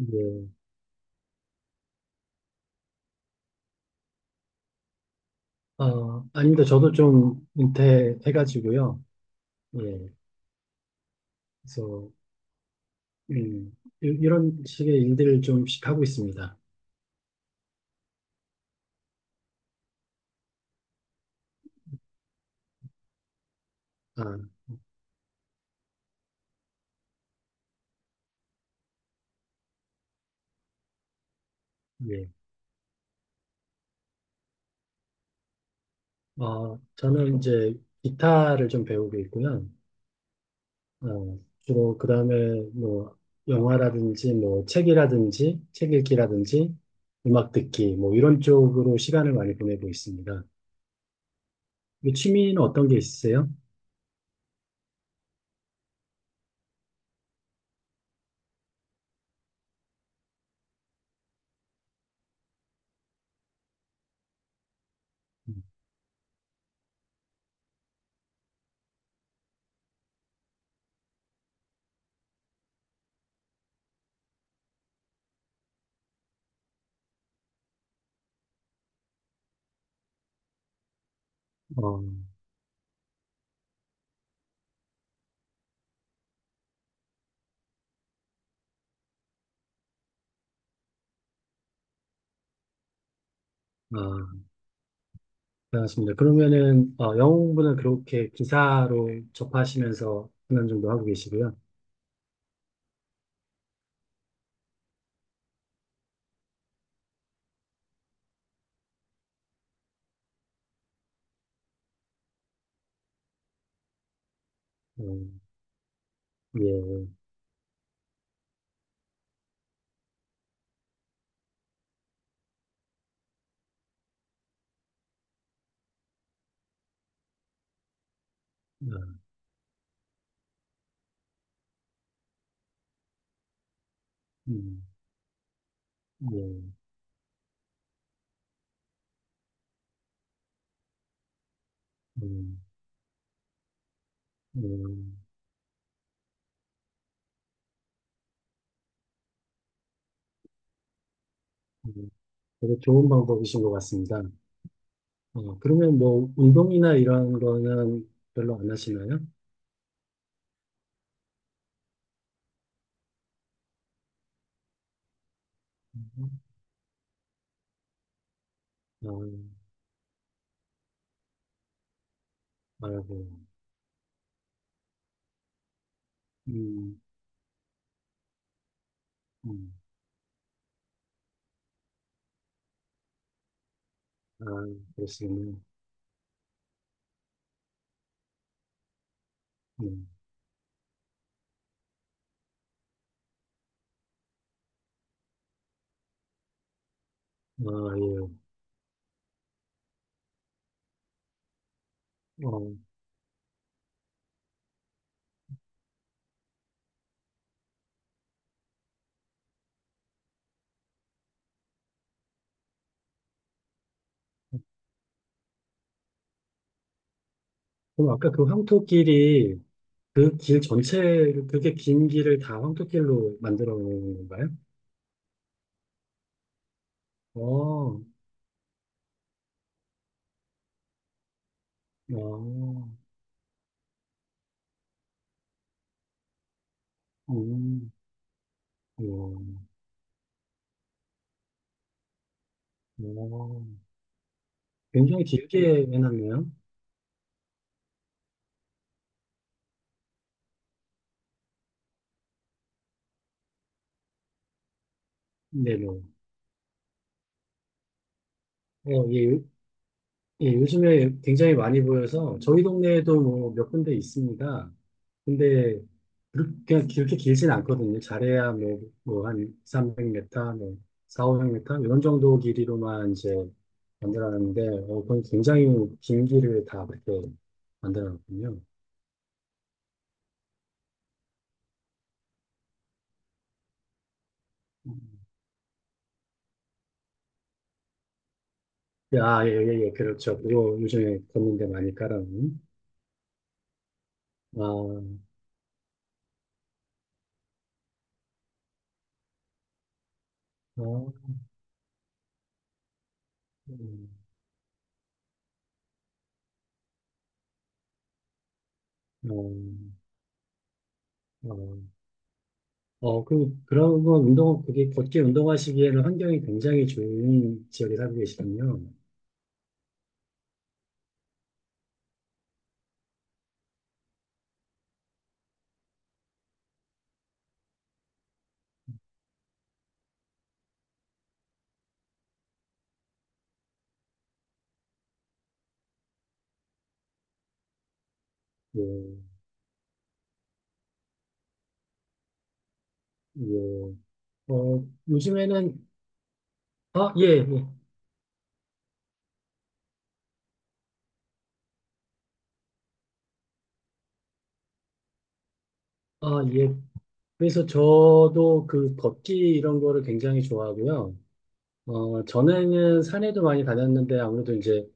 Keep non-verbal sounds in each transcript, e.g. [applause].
예. 아, 아닙니다. 저도 좀 은퇴해가지고요. 예. 그래서, 음, 이런 식의 일들을 좀씩 하고 있습니다. 아, 예. 저는 이제 기타를 좀 배우고 있고요. 주로 그 다음에 뭐, 영화라든지 뭐, 책이라든지, 책 읽기라든지, 음악 듣기, 뭐, 이런 쪽으로 시간을 많이 보내고 있습니다. 이 취미는 어떤 게 있으세요? 음, 어, 아, 알겠습니다. 그러면은 영어 공부는 그렇게 기사로 접하시면서 한 년 정도 하고 계시고요. 음, 예, 아, 음, 예, 음, 음, 음. 되게 좋은 방법이신 것 같습니다. 그러면 뭐 운동이나 이런 거는 별로 안 하시나요? 아, 아이고, 음, 음, 아, 그렇습니다. 음, 아, 예. 어, 그럼 아까 그 황토끼리 그 길 전체를, 그게 긴 길을 다 황토길로 만들어 놓은 건가요? 어, 어, 음, 어, 어. 굉장히 길게 해놨네요. 네네. 예, 예, 요즘에 굉장히 많이 보여서 저희 동네에도 뭐 몇 군데 있습니다. 근데 그렇게 길진 않거든요. 잘해야 뭐, 뭐 한삼0 0 m 뭐 400m 이런 정도 길이로만 이제 만들어놨는데 그건 굉장히 긴 길을 다 그렇게 만들어놨군요. 아, 예, 예, 예, 그렇죠. 그거 요즘에 걷는데 많이 깔아놓은. 아, 아, 음, 어, 어, 그런 건 운동, 그게 걷기 운동하시기에는 환경이 굉장히 좋은 지역에 살고 계시군요. 예, 예. 어, 요즘에는, 아, 예, 예. 아, 예. 그래서 저도 그 걷기 이런 거를 굉장히 좋아하고요. 전에는 산에도 많이 다녔는데 아무래도 이제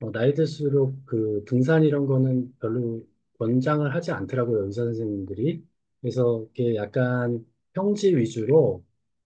나이 들수록 그 등산 이런 거는 별로 권장을 하지 않더라고요, 의사 선생님들이. 그래서 이게 약간 평지 위주로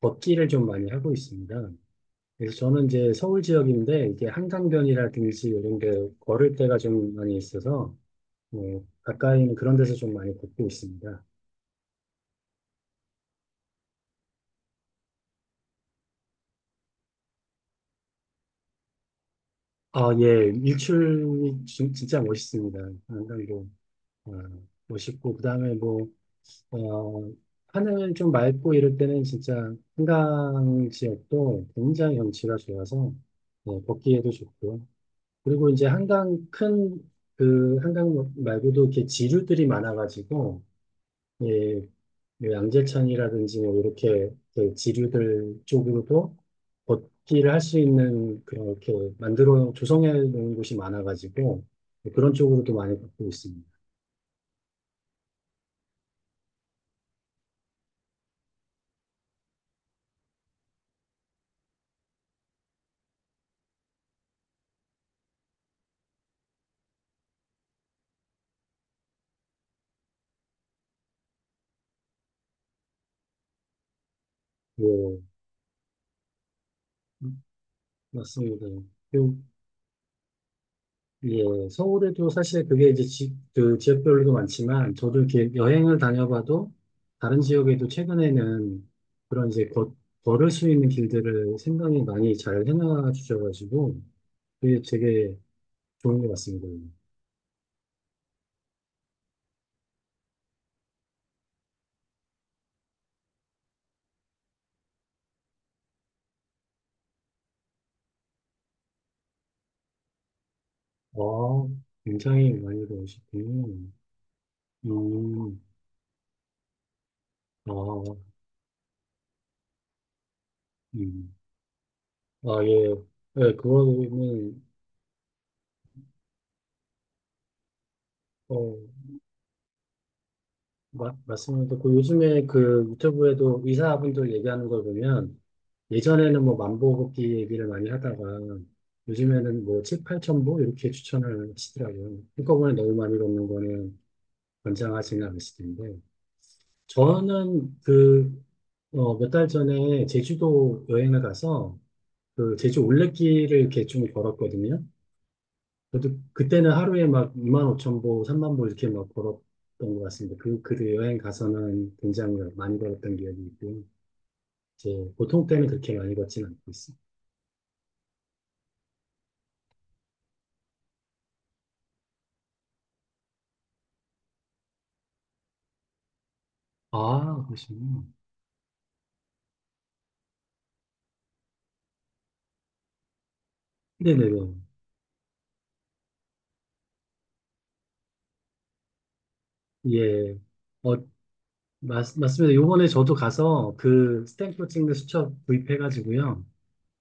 걷기를 좀 많이 하고 있습니다. 그래서 저는 이제 서울 지역인데 이게 한강변이라든지 이런 게 걸을 때가 좀 많이 있어서 어, 가까이 는 그런 데서 좀 많이 걷고 있습니다. 아, 예, 일출이 진짜 멋있습니다. 한강도 어, 멋있고 그다음에 뭐 어, 하늘 좀 맑고 이럴 때는 진짜 한강 지역도 굉장히 경치가 좋아서 걷기에도 좋고요. 그리고 이제 한강 큰 그 한강 말고도 이렇게 지류들이 많아가지고 예, 그 양재천이라든지 뭐 이렇게 그 지류들 쪽으로도 걷기를 할 수 있는 그렇게 만들어 조성해 놓은 곳이 많아가지고 그런 쪽으로도 많이 걷고 있습니다. 예, 맞습니다. 그, 예, 서울에도 사실 그게 이제 지, 그 지역별로도 많지만 저도 이렇게 여행을 다녀봐도 다른 지역에도 최근에는 그런 이제 걸을 수 있는 길들을 생각이 많이 잘 해놔 주셔가지고 그게 되게 좋은 것 같습니다. 아, 굉장히 많이 배우시군요. 음, 아, 음. 아, 예. 예, 그거는, 어, 맞습니다. 그 요즘에 그 유튜브에도 의사분들 얘기하는 걸 보면 예전에는 뭐 만보걷기 얘기를 많이 하다가 요즘에는 뭐 7, 8천 보 이렇게 추천을 하시더라고요. 한꺼번에 너무 많이 걷는 거는 권장하지는 않으실 텐데. 저는 몇 달 전에 제주도 여행을 가서 그 제주 올레길을 이렇게 좀 걸었거든요. 저도 그때는 하루에 막 2만 5천 보, 3만 보 이렇게 막 걸었던 것 같습니다. 그, 그 여행 가서는 굉장히 많이 걸었던 기억이 있고요. 이제 보통 때는 그렇게 많이 걷진 않고 있습니다. 아, 그러시군요. 네네네. 예. 어, 맞습니다. 요번에 저도 가서 그 스탬프 찍는 수첩 구입해가지고요.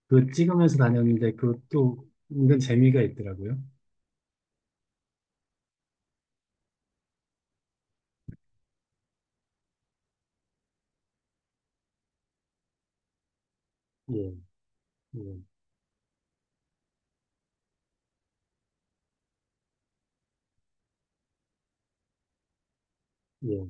그 찍으면서 다녔는데 그것도 은근 재미가 있더라고요. 예, 예, 예.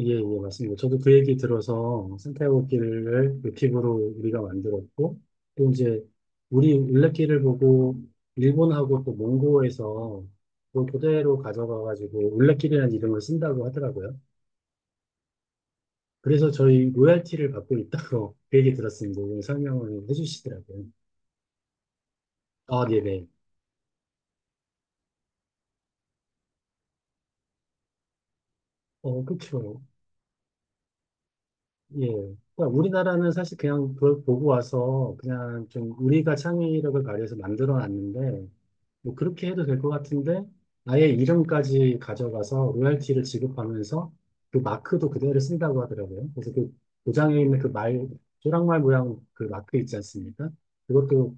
예, 예, 맞습니다. 저도 그 얘기 들어서 산티아고길을 모티브로 우리가 만들었고, 또 이제 우리 울레길을 보고 일본하고 또 몽고에서 그 그대로 가져가가지고 울레길이라는 이름을 쓴다고 하더라고요. 그래서 저희 로열티를 받고 있다고 [laughs] 그 얘기 들었습니다. 오늘 설명을 해주시더라고요. 아, 네네. 그쵸. 예. 그러니까 우리나라는 사실 그냥 그걸 보고 와서 그냥 좀 우리가 창의력을 발휘해서 만들어 놨는데 뭐 그렇게 해도 될 것 같은데 아예 이름까지 가져가서 로열티를 지급하면서 그 마크도 그대로 쓴다고 하더라고요. 그래서 그 도장에 있는 그 말, 조랑말 모양 그 마크 있지 않습니까? 그것도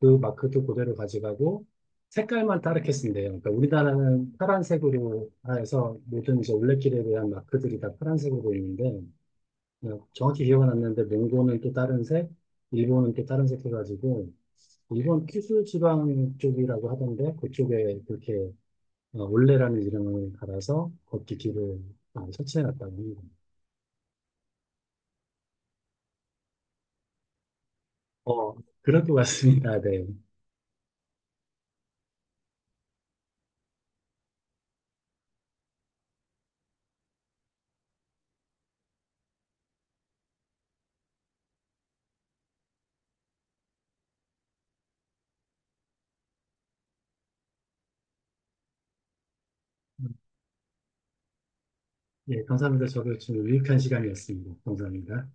그 마크도 그대로 가져가고 색깔만 다르게 쓴대요. 그러니까 우리나라는 파란색으로 해서 모든 이제 올레길에 대한 마크들이 다 파란색으로 보이는데 정확히 기억은 안 나는데 몽고는 또 다른 색, 일본은 또 다른 색 해가지고 일본 큐슈 지방 쪽이라고 하던데 그쪽에 그렇게 올레라는 이름을 갈아서 걷기 길을 설치해 놨다고 합니다. 어, 그럴 것 같습니다. 네. 예, 감사합니다. 저도 좀 유익한 시간이었습니다. 감사합니다.